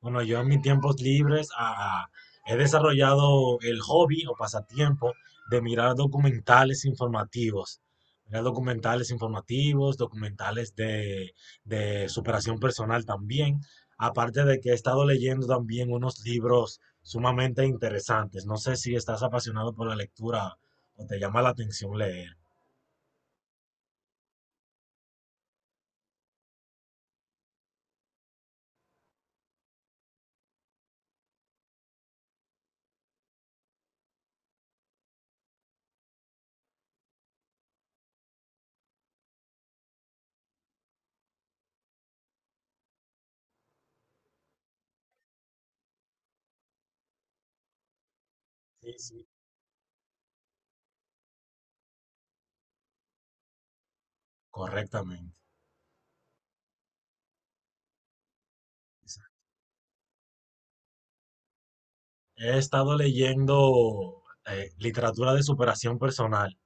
Bueno, yo en mis tiempos libres he desarrollado el hobby o pasatiempo de mirar documentales informativos. Mirar documentales informativos, documentales de superación personal también. Aparte de que he estado leyendo también unos libros sumamente interesantes. No sé si estás apasionado por la lectura o te llama la atención leer. Sí, sí. Correctamente. He estado leyendo literatura de superación personal.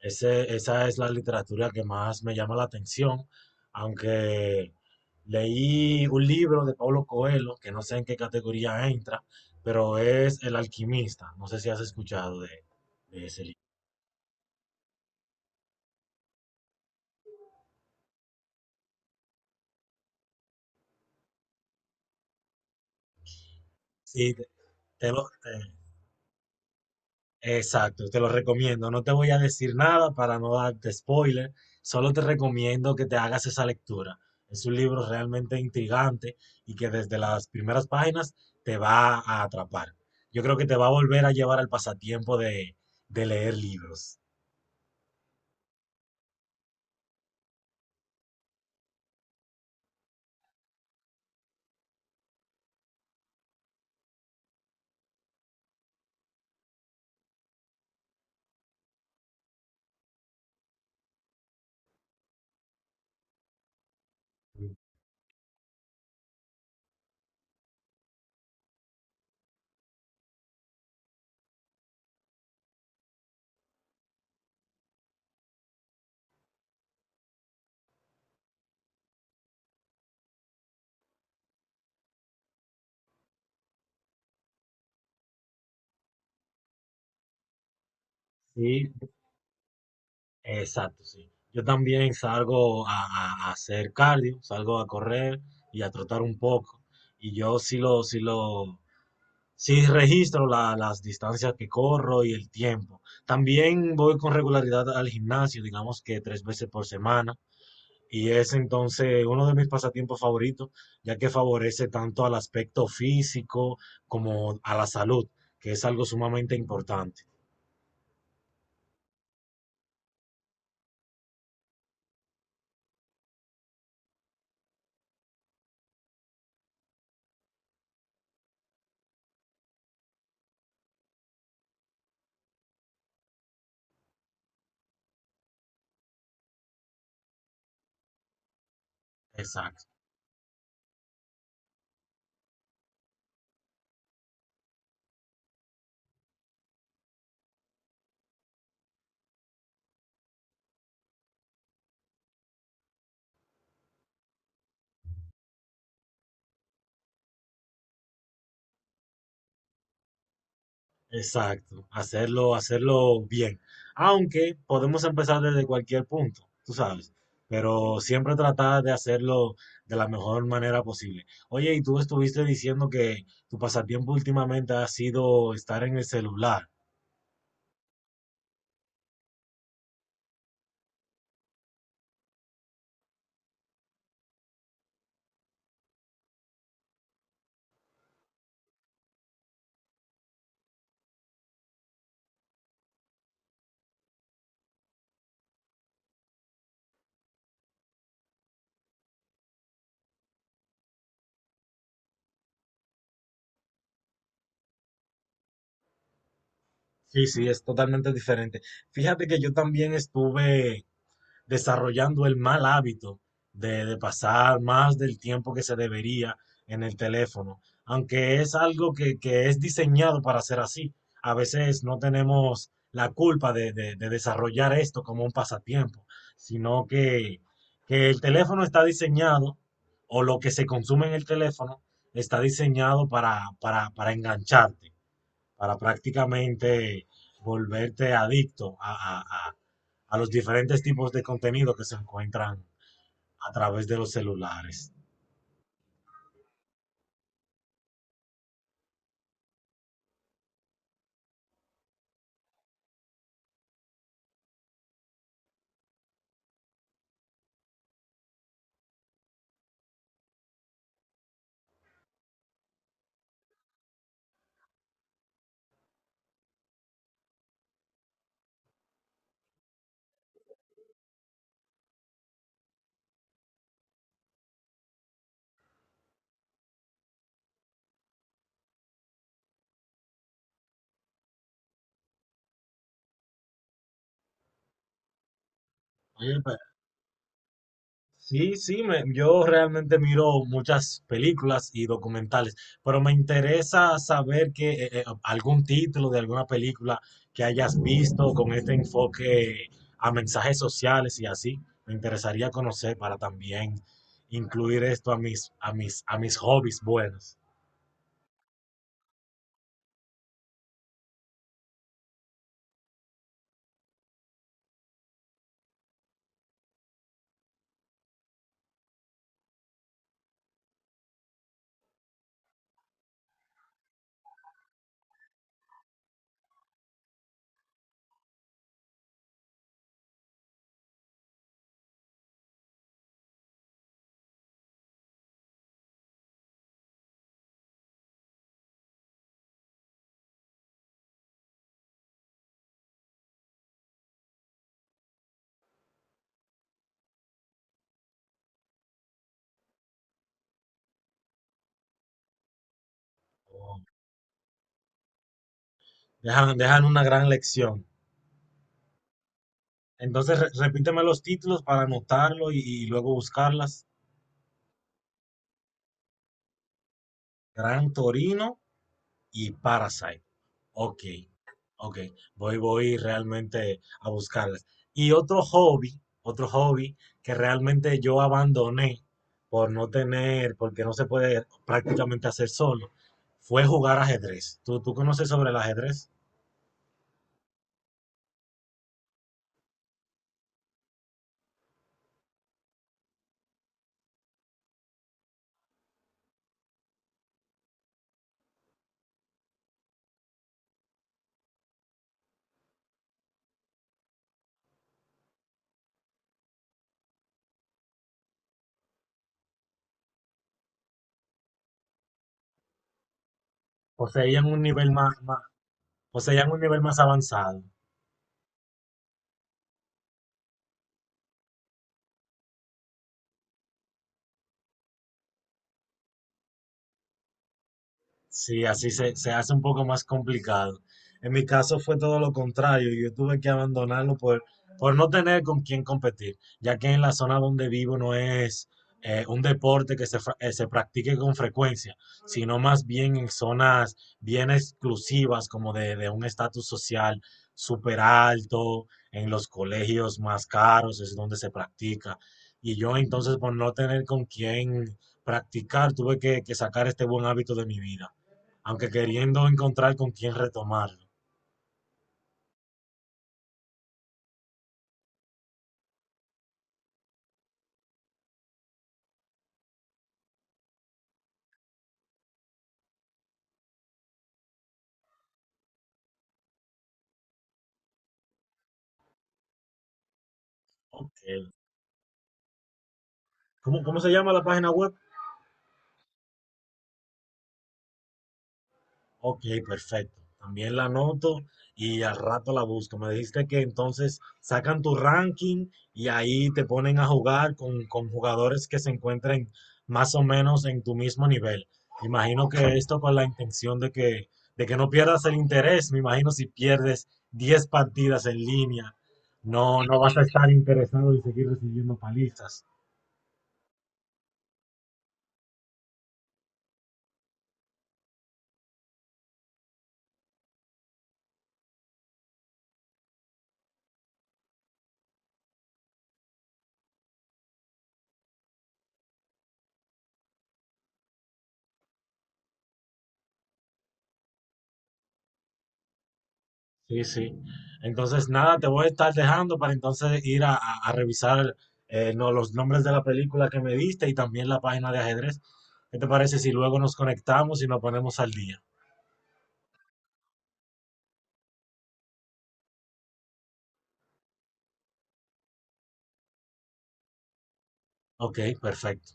Esa es la literatura que más me llama la atención, aunque leí un libro de Paulo Coelho, que no sé en qué categoría entra, pero es El Alquimista. No sé si has escuchado de ese libro. Sí, te, te lo, te- Exacto, te lo recomiendo. No te voy a decir nada para no darte spoiler, solo te recomiendo que te hagas esa lectura. Es un libro realmente intrigante y que desde las primeras páginas te va a atrapar. Yo creo que te va a volver a llevar al pasatiempo de leer libros. Sí, exacto, sí. Yo también salgo a hacer cardio, salgo a correr y a trotar un poco. Y yo sí lo, sí lo, Sí, registro las distancias que corro y el tiempo. También voy con regularidad al gimnasio, digamos que tres veces por semana, y es entonces uno de mis pasatiempos favoritos, ya que favorece tanto al aspecto físico como a la salud, que es algo sumamente importante. Exacto. Exacto, hacerlo bien. Aunque podemos empezar desde cualquier punto, tú sabes, pero siempre tratar de hacerlo de la mejor manera posible. Oye, y tú estuviste diciendo que tu pasatiempo últimamente ha sido estar en el celular. Sí, sí, es totalmente diferente. Fíjate que yo también estuve desarrollando el mal hábito de pasar más del tiempo que se debería en el teléfono, aunque es algo que es diseñado para ser así. A veces no tenemos la culpa de desarrollar esto como un pasatiempo, sino que, que el teléfono está diseñado, o lo que se consume en el teléfono, está diseñado para engancharte para prácticamente volverte adicto a- a- a los diferentes tipos de contenido que se encuentran a través de los celulares. Oye, pe- sí, sí, yo realmente miro muchas películas y documentales, pero me interesa saber que algún título de alguna película que hayas visto con este enfoque a mensajes sociales y así. Me interesaría conocer para también incluir esto a a mis hobbies buenos. Oh. Dejan, dejan una gran lección. Entonces, repíteme los títulos para anotarlo y luego buscarlas. Gran Torino y Parasite. Ok, ok. Voy, voy realmente a buscarlas. Y otro hobby que realmente yo abandoné por no tener, porque no se puede prácticamente hacer solo, fue jugar ajedrez. ¿ tú conoces sobre el ajedrez? Poseían un nivel más, más, Poseían un nivel más avanzado. Sí, así se hace un poco más complicado. En mi caso fue todo lo contrario. Yo tuve que abandonarlo por no tener con quién competir, ya que en la zona donde vivo no es un deporte que se practique con frecuencia, sino más bien en zonas bien exclusivas, como de un estatus social súper alto, en los colegios más caros es donde se practica. Y yo entonces por no tener con quién practicar, tuve que sacar este buen hábito de mi vida aunque queriendo encontrar con quién retomarlo. Ok. ¿Cómo, cómo se llama la página web? Ok, perfecto. También la anoto y al rato la busco. Me dijiste que entonces sacan tu ranking y ahí te ponen a jugar con jugadores que se encuentren más o menos en tu mismo nivel. Imagino que esto con la intención de que no pierdas el interés. Me imagino si pierdes 10 partidas en línea, no, no vas a estar interesado en seguir recibiendo palizas. Sí, sí. Entonces, nada, te voy a estar dejando para entonces ir a revisar no, los nombres de la película que me diste y también la página de ajedrez. ¿Qué te parece si luego nos conectamos y nos ponemos al día? Ok, perfecto.